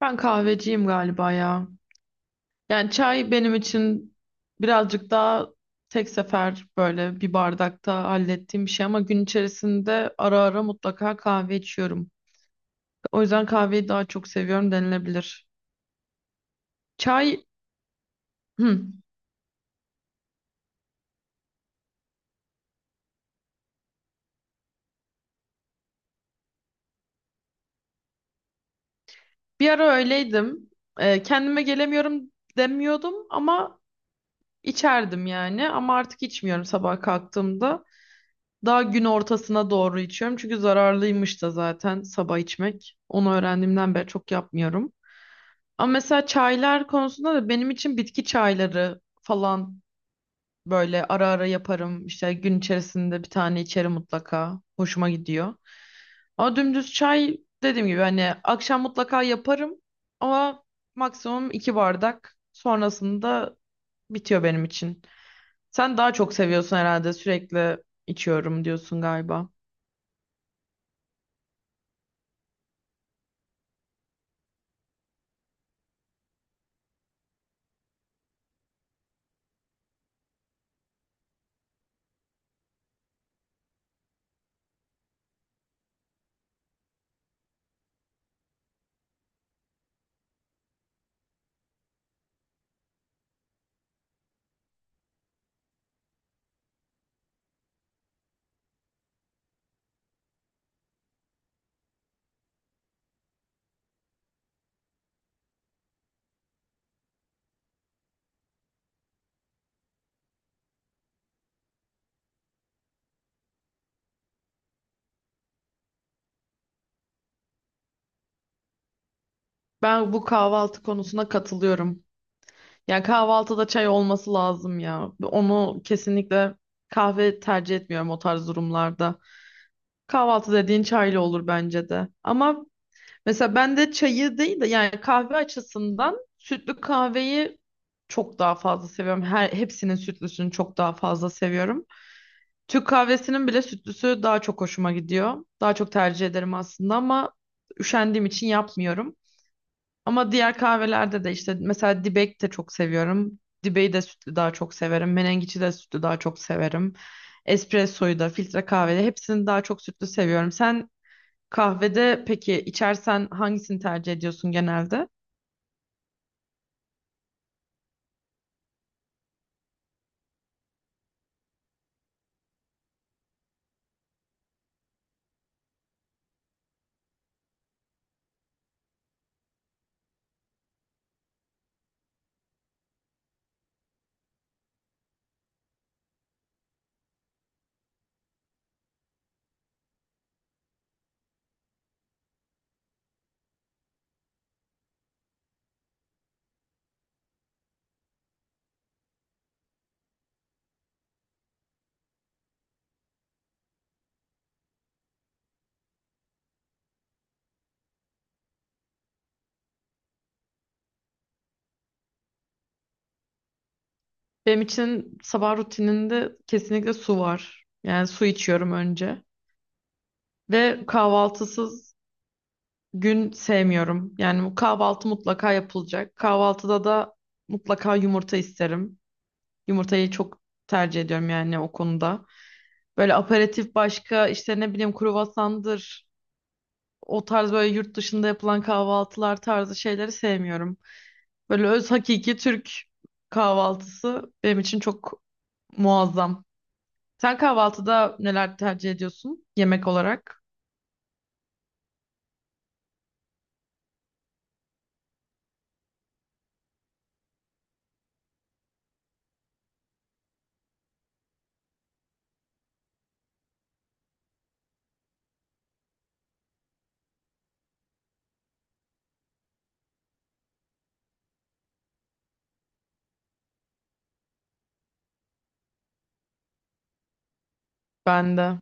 Ben kahveciyim galiba ya. Yani çay benim için birazcık daha tek sefer böyle bir bardakta hallettiğim bir şey ama gün içerisinde ara ara mutlaka kahve içiyorum. O yüzden kahveyi daha çok seviyorum denilebilir. Çay, hı. Bir ara öyleydim. Kendime gelemiyorum demiyordum ama içerdim yani. Ama artık içmiyorum sabah kalktığımda. Daha gün ortasına doğru içiyorum. Çünkü zararlıymış da zaten sabah içmek. Onu öğrendiğimden beri çok yapmıyorum. Ama mesela çaylar konusunda da benim için bitki çayları falan böyle ara ara yaparım. İşte gün içerisinde bir tane içerim mutlaka. Hoşuma gidiyor. Ama dümdüz çay dediğim gibi hani akşam mutlaka yaparım ama maksimum iki bardak sonrasında bitiyor benim için. Sen daha çok seviyorsun herhalde, sürekli içiyorum diyorsun galiba. Ben bu kahvaltı konusuna katılıyorum. Yani kahvaltıda çay olması lazım ya. Onu kesinlikle kahve tercih etmiyorum o tarz durumlarda. Kahvaltı dediğin çaylı olur bence de. Ama mesela ben de çayı değil de yani kahve açısından sütlü kahveyi çok daha fazla seviyorum. Her hepsinin sütlüsünü çok daha fazla seviyorum. Türk kahvesinin bile sütlüsü daha çok hoşuma gidiyor. Daha çok tercih ederim aslında ama üşendiğim için yapmıyorum. Ama diğer kahvelerde de işte mesela dibek de çok seviyorum. Dibeği de sütlü daha çok severim. Menengiçi de sütlü daha çok severim. Espressoyu da, filtre kahvede hepsini daha çok sütlü seviyorum. Sen kahvede peki içersen hangisini tercih ediyorsun genelde? Benim için sabah rutininde kesinlikle su var. Yani su içiyorum önce. Ve kahvaltısız gün sevmiyorum. Yani bu kahvaltı mutlaka yapılacak. Kahvaltıda da mutlaka yumurta isterim. Yumurtayı çok tercih ediyorum yani o konuda. Böyle aperatif başka işte ne bileyim kruvasandır. O tarz böyle yurt dışında yapılan kahvaltılar tarzı şeyleri sevmiyorum. Böyle öz hakiki Türk kahvaltısı benim için çok muazzam. Sen kahvaltıda neler tercih ediyorsun yemek olarak? Ben de.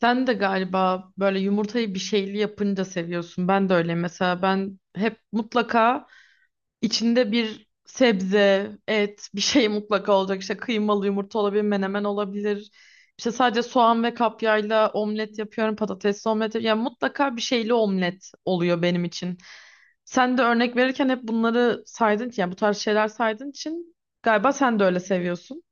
Sen de galiba böyle yumurtayı bir şeyli yapınca seviyorsun. Ben de öyle. Mesela ben hep mutlaka içinde bir sebze, et, bir şey mutlaka olacak. İşte kıymalı yumurta olabilir, menemen olabilir. İşte sadece soğan ve kapyayla omlet yapıyorum, patatesli omlet yapıyorum. Yani mutlaka bir şeyli omlet oluyor benim için. Sen de örnek verirken hep bunları saydın ki, yani bu tarz şeyler saydığın için galiba sen de öyle seviyorsun.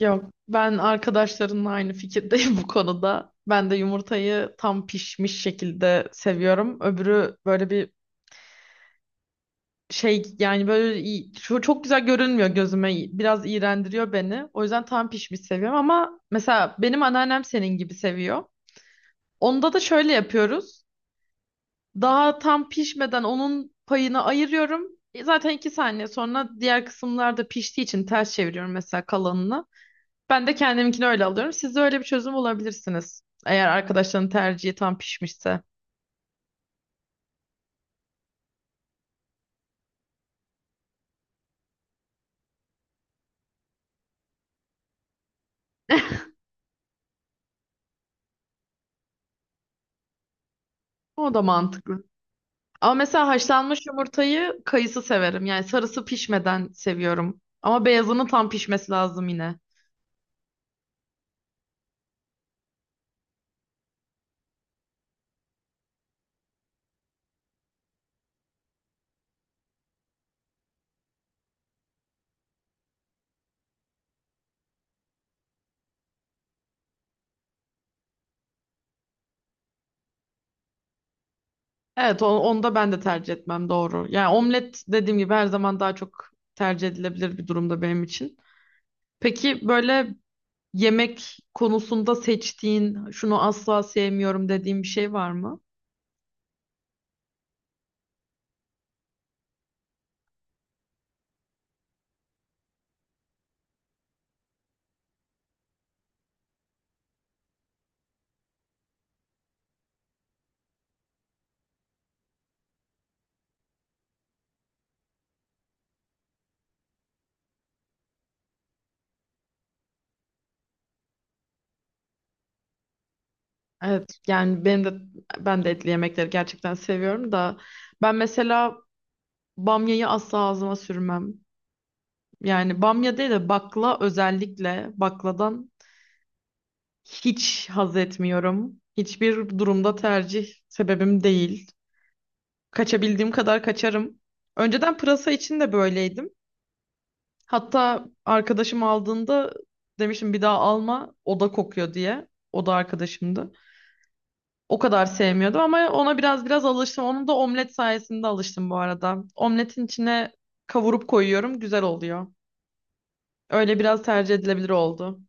Yok, ben arkadaşlarımla aynı fikirdeyim bu konuda. Ben de yumurtayı tam pişmiş şekilde seviyorum. Öbürü böyle bir şey yani şu çok güzel görünmüyor gözüme. Biraz iğrendiriyor beni. O yüzden tam pişmiş seviyorum ama mesela benim anneannem senin gibi seviyor. Onda da şöyle yapıyoruz. Daha tam pişmeden onun payını ayırıyorum. Zaten iki saniye sonra diğer kısımlar da piştiği için ters çeviriyorum mesela kalanını. Ben de kendiminkini öyle alıyorum. Siz de öyle bir çözüm bulabilirsiniz. Eğer arkadaşların tercihi tam pişmişse. O da mantıklı. Ama mesela haşlanmış yumurtayı kayısı severim. Yani sarısı pişmeden seviyorum. Ama beyazının tam pişmesi lazım yine. Evet, onu da ben de tercih etmem doğru. Yani omlet dediğim gibi her zaman daha çok tercih edilebilir bir durumda benim için. Peki böyle yemek konusunda seçtiğin, şunu asla sevmiyorum dediğin bir şey var mı? Evet, yani ben de etli yemekleri gerçekten seviyorum da ben mesela bamyayı asla ağzıma sürmem. Yani bamya değil de bakla, özellikle bakladan hiç haz etmiyorum. Hiçbir durumda tercih sebebim değil. Kaçabildiğim kadar kaçarım. Önceden pırasa için de böyleydim. Hatta arkadaşım aldığında demiştim bir daha alma o da kokuyor diye. O da arkadaşımdı. O kadar sevmiyordu ama ona biraz biraz alıştım. Onun da omlet sayesinde alıştım bu arada. Omletin içine kavurup koyuyorum, güzel oluyor. Öyle biraz tercih edilebilir oldu.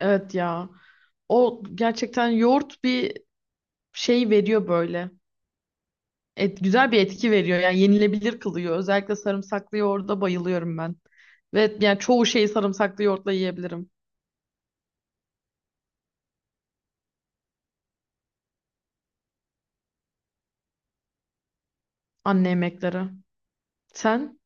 Evet ya. O gerçekten yoğurt bir şey veriyor böyle. Et, güzel bir etki veriyor. Yani yenilebilir kılıyor. Özellikle sarımsaklı yoğurda bayılıyorum ben. Ve yani çoğu şeyi sarımsaklı yoğurtla yiyebilirim. Anne yemekleri. Sen?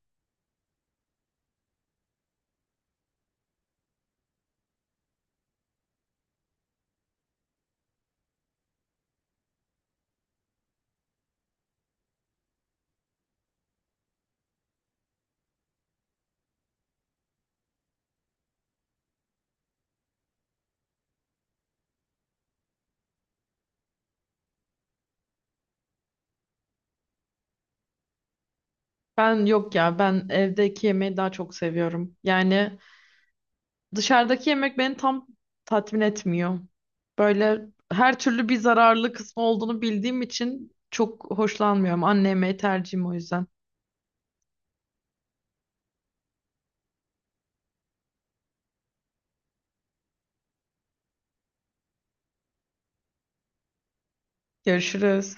Ben yok ya. Ben evdeki yemeği daha çok seviyorum. Yani dışarıdaki yemek beni tam tatmin etmiyor. Böyle her türlü bir zararlı kısmı olduğunu bildiğim için çok hoşlanmıyorum. Anne yemeği tercihim o yüzden. Görüşürüz.